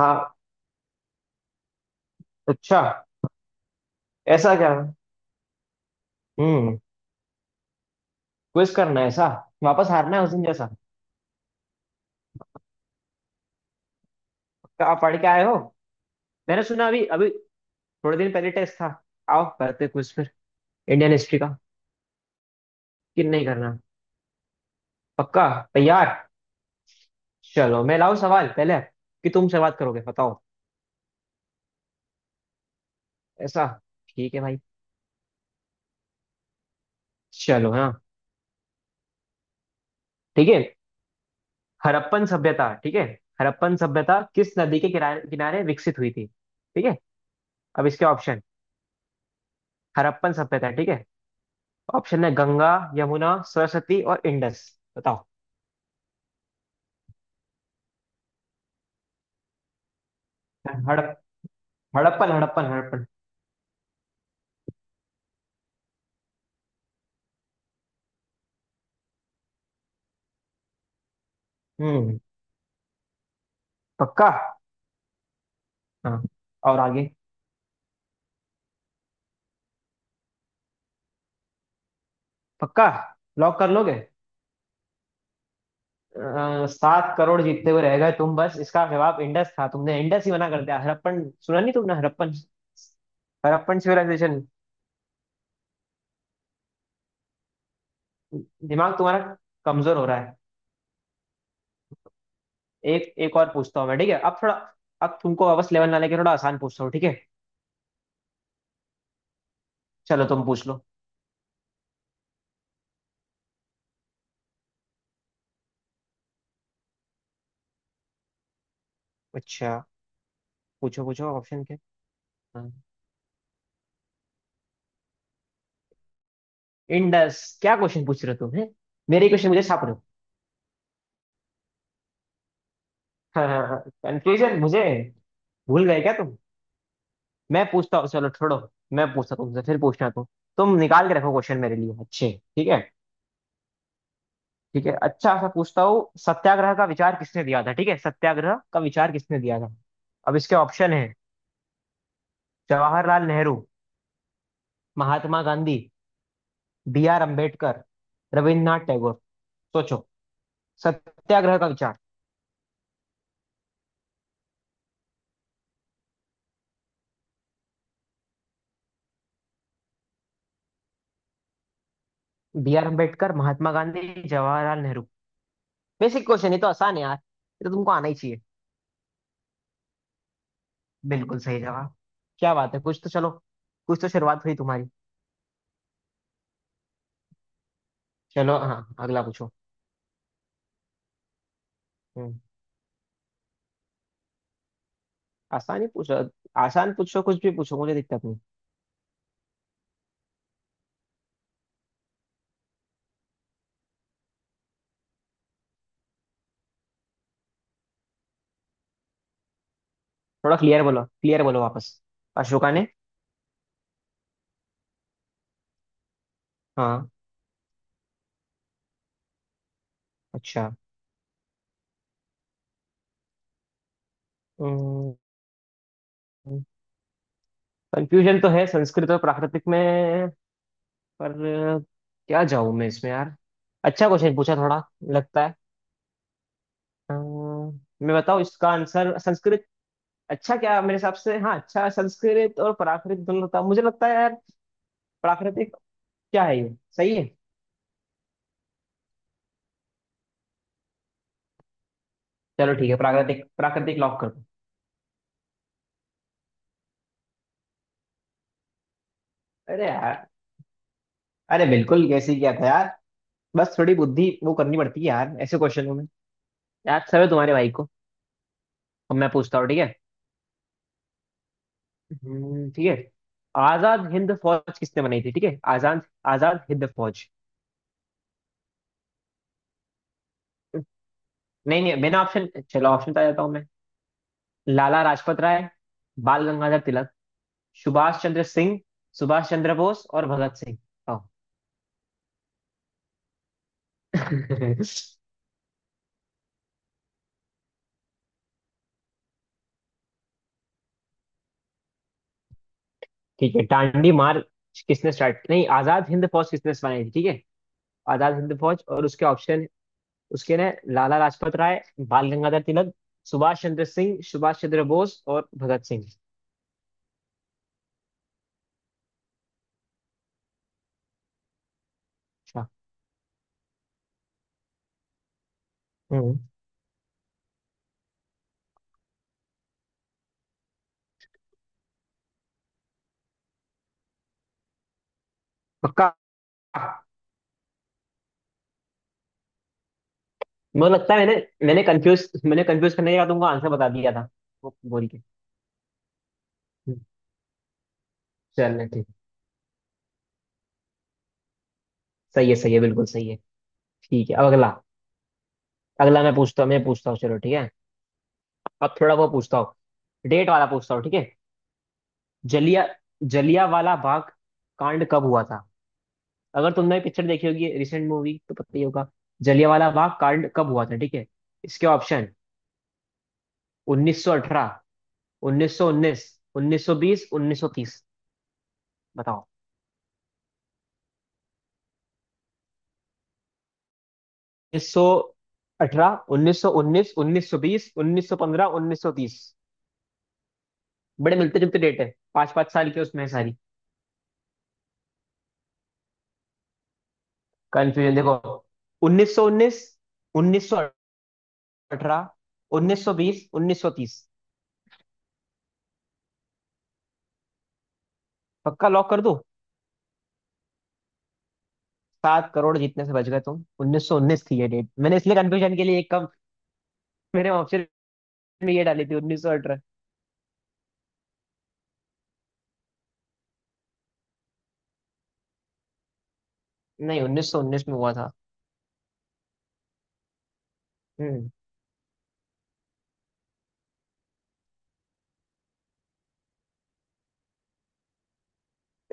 हाँ। अच्छा ऐसा क्या। हम्म। क्विज करना है ऐसा। वापस हारना है उस दिन जैसा। क्या आप पढ़ के आए हो। मैंने सुना अभी अभी। थोड़े दिन पहले टेस्ट था। आओ करते क्विज फिर, इंडियन हिस्ट्री का। कि नहीं करना। पक्का। तैयार। चलो मैं लाऊं सवाल पहले, कि तुम शुरुआत करोगे बताओ। ऐसा। ठीक है भाई। चलो हाँ। ठीक है। हड़प्पन सभ्यता ठीक है। हड़प्पन सभ्यता किस नदी के किनारे किनारे विकसित हुई थी, ठीक है। अब इसके ऑप्शन। हड़प्पन सभ्यता, ठीक है। ऑप्शन है, गंगा, यमुना, सरस्वती और इंडस। बताओ। हड़प हड़प्पन, हड़प्पन, हड़प्पन। हम्म। पक्का। हाँ और आगे। पक्का लॉक कर लोगे। 7 करोड़ जीतते हुए रह गए तुम, बस। इसका जवाब इंडस था, तुमने इंडस ही मना कर दिया, हड़प्पन। सुना नहीं तुमने, हड़प्पन, हड़प्पन सिविलाइजेशन। दिमाग तुम्हारा कमजोर हो रहा है। एक एक और पूछता हूँ मैं, ठीक है। अब थोड़ा, अब तुमको वापस लेवल ना लेके थोड़ा आसान पूछता हूँ, ठीक है। चलो तुम पूछ लो। अच्छा, पूछो पूछो ऑप्शन क्या। इंडस, क्या क्वेश्चन पूछ रहे हो तुम, है। मेरे क्वेश्चन मुझे छाप रहे हो। हाँ हाँ हाँ। कंफ्यूजन मुझे। भूल गए क्या तुम। मैं पूछता हूँ, चलो छोड़ो। मैं पूछता हूँ तुमसे, फिर पूछना तुम। तुम निकाल के रखो क्वेश्चन मेरे लिए अच्छे, ठीक है। ठीक है, अच्छा सा पूछता हूँ। सत्याग्रह का विचार किसने दिया था, ठीक है। सत्याग्रह का विचार किसने दिया था। अब इसके ऑप्शन है, जवाहरलाल नेहरू, महात्मा गांधी, बी आर अम्बेडकर, रविन्द्रनाथ टैगोर। सोचो, सत्याग्रह का विचार। B R Ambedkar, Mahatma Gandhi, Jawaharlal Nehru. Basic question, ये तो आसान है यार, ये तो तुमको आना ही चाहिए। बिल्कुल सही जवाब। क्या बात है, कुछ तो चलो, कुछ तो शुरुआत हुई तुम्हारी। चलो हाँ अगला पूछो। हम्म। आसान ही पूछो, आसान पूछो, कुछ भी पूछो, मुझे दिक्कत नहीं। थोड़ा क्लियर बोलो, क्लियर बोलो वापस। अशोका ने। हाँ। अच्छा। कंफ्यूजन तो है संस्कृत और प्राकृतिक में। पर क्या जाऊं मैं इसमें यार। अच्छा क्वेश्चन पूछा थोड़ा, लगता है। अम्म, मैं बताऊं इसका आंसर, संस्कृत। अच्छा, क्या मेरे हिसाब से, हाँ अच्छा, संस्कृत और प्राकृत दोनों होता, मुझे लगता है यार। प्राकृतिक क्या है, ये सही है। चलो ठीक है, प्राकृतिक, प्राकृतिक लॉक कर दो। अरे यार। अरे बिल्कुल कैसे ही किया था यार। बस थोड़ी बुद्धि वो करनी पड़ती है यार ऐसे क्वेश्चनों में। याद सब है तुम्हारे भाई को। अब मैं पूछता हूँ, ठीक है। ठीक है। आजाद हिंद फौज किसने बनाई थी, ठीक है। आजाद आजाद हिंद फौज। नहीं नहीं बिना ऑप्शन, चलो ऑप्शन तो आ जाता हूँ मैं। लाला लाजपत राय, बाल गंगाधर, सुभाष चंद्र सिंह, सुभाष चंद्र बोस और भगत सिंह। आओ। ठीक है, डांडी मार्च किसने स्टार्ट, नहीं, आजाद हिंद फौज किसने बनाई थी, ठीक है। आजाद हिंद फौज, और उसके ऑप्शन। उसके ने, लाला लाजपत राय, बाल गंगाधर तिलक, सुभाष चंद्र सिंह, सुभाष चंद्र बोस और भगत सिंह। अच्छा। हम्म। पक्का। मुझे लगता है मैंने मैंने कंफ्यूज करने का तुमको आंसर बता दिया था, वो बोल के। हम्म, चलो ठीक है। सही है, सही है, बिल्कुल सही है। ठीक है, अब अगला। अगला मैं पूछता हूँ, मैं पूछता हूँ, चलो ठीक है। अब थोड़ा वो पूछता हूँ, डेट वाला पूछता हूँ, ठीक है। जलिया जलिया वाला बाग कांड कब हुआ था। अगर तुमने पिक्चर देखी होगी, रिसेंट मूवी, तो पता ही होगा। जलिया वाला बाग कांड कब हुआ था, ठीक है। इसके ऑप्शन, 1918, 1919, 1920, 1930। बताओ। 1918, 1919, 1920, 1915, 1930। बड़े मिलते जुलते डेट है, पांच पांच साल के उसमें है सारी। कंफ्यूजन देखो। 1919, 1918, अठारह, उन्नीस सौ बीस, उन्नीस सौ तीस। पक्का लॉक कर दो। 7 करोड़ जीतने से बच गए तुम। उन्नीस सौ उन्नीस थी ये डेट। मैंने इसलिए कंफ्यूजन के लिए एक कम मेरे ऑप्शन में ये डाली थी, उन्नीस सौ अठारह। नहीं, उन्नीस सौ उन्नीस में हुआ था। हम्म।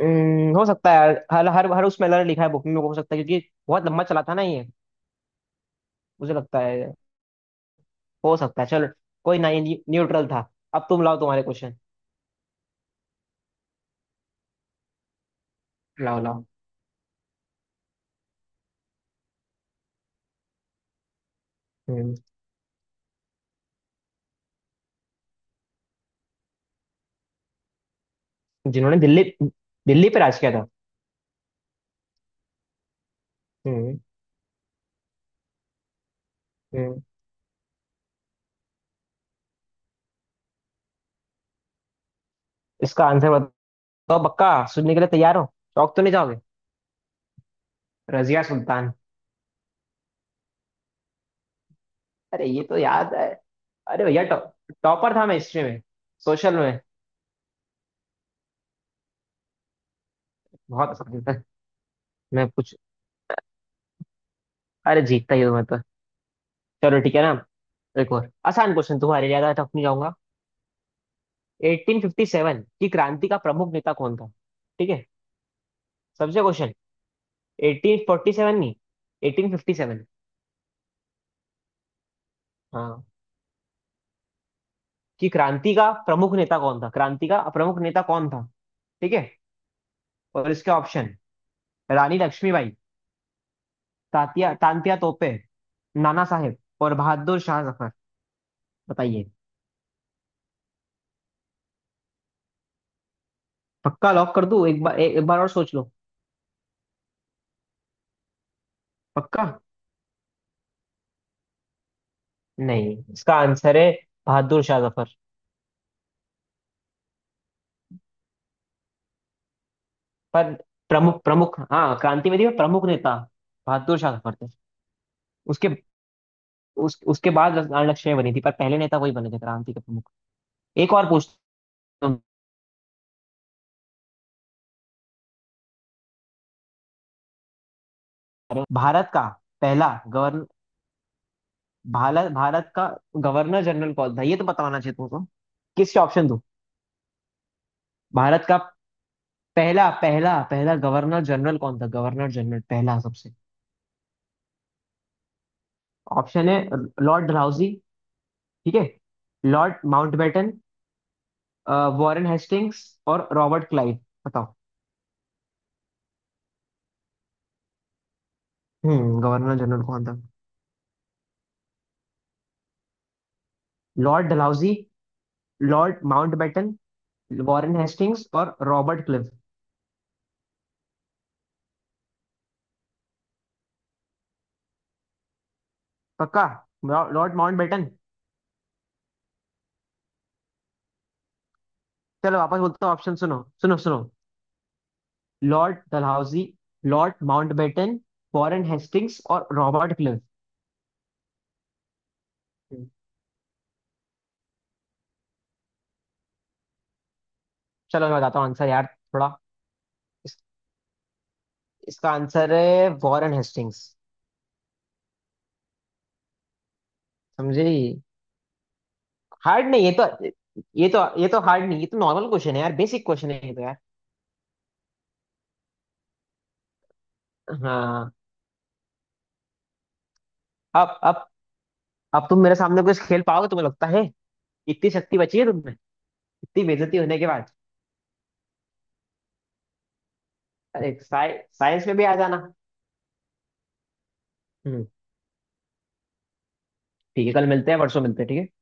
हो सकता है यार। हर हर हर उसमें अलग लिखा है बुक में, हो सकता है, क्योंकि बहुत लंबा चला था ना ये। मुझे लगता है। हो सकता है, चलो, कोई ना। ये न्यूट्रल था। अब तुम लाओ तुम्हारे क्वेश्चन। लाओ लाओ। हम्म। जिन्होंने दिल्ली, दिल्ली पे राज किया था। हम्म। हम्म। इसका आंसर, तो बक्का सुनने के लिए तैयार हो, चौक तो नहीं जाओगे। रजिया सुल्तान। अरे ये तो याद है। अरे भैया, टॉपर था मैं हिस्ट्री में, सोशल में। बहुत आसान था। मैं कुछ। अरे जीतता ही हूँ मैं तो। चलो ठीक है ना, एक और आसान क्वेश्चन तुम्हारे लिए, ज्यादा टफ नहीं जाऊंगा। 1857 की क्रांति का प्रमुख नेता कौन था, ठीक है। सबसे क्वेश्चन, 1847, नहीं 1857। हाँ, कि क्रांति का प्रमुख नेता कौन था, क्रांति का प्रमुख नेता कौन था, ठीक है। और इसके ऑप्शन, रानी लक्ष्मीबाई, तात्या तांत्या तोपे, नाना साहेब और बहादुर शाह जफर। बताइए। पक्का लॉक कर दूं, एक बार, एक बार और सोच लो। पक्का। नहीं, इसका आंसर है बहादुर शाह जफर। पर प्रमुख, हाँ, क्रांतिवादी में प्रमुख नेता बहादुर शाह जफर थे। उसके, उसके बाद रानी लक्ष्मीबाई बनी थी, पर पहले नेता वही बने थे क्रांति के प्रमुख। एक और पूछता हूँ। भारत का पहला गवर्न, भारत भारत का गवर्नर जनरल कौन था, ये तो बताना चाहिए तुमको। किसके ऑप्शन दूं। भारत का पहला पहला पहला गवर्नर जनरल कौन था। गवर्नर जनरल, पहला, सबसे। ऑप्शन है, लॉर्ड डलहौजी, ठीक है, लॉर्ड माउंटबेटन, वॉरेन हेस्टिंग्स और रॉबर्ट क्लाइव। बताओ। हम्म, गवर्नर जनरल कौन था। Lord Dalhousie, Lord Mountbatten, Warren Hastings और रॉबर्ट क्लिव। पक्का, लॉर्ड माउंटबेटन। चलो वापस बोलता हूँ ऑप्शन, सुनो सुनो सुनो। Lord Dalhousie, Lord Mountbatten, Warren Hastings और रॉबर्ट क्लिव। हम्म। चलो मैं बताता हूँ आंसर यार, थोड़ा। इसका आंसर है वॉरेन हेस्टिंग्स। समझे। हार्ड नहीं ये तो, ये तो हार्ड नहीं, ये तो नॉर्मल क्वेश्चन है यार, बेसिक क्वेश्चन है ये तो यार। हाँ। अब अब तुम मेरे सामने कुछ खेल पाओगे, तुम्हें लगता है। इतनी शक्ति बची है तुम में, इतनी बेइज्जती होने के बाद। अरे साइंस में भी आ जाना। हम्म। ठीक है, कल मिलते हैं, परसों मिलते हैं, ठीक है।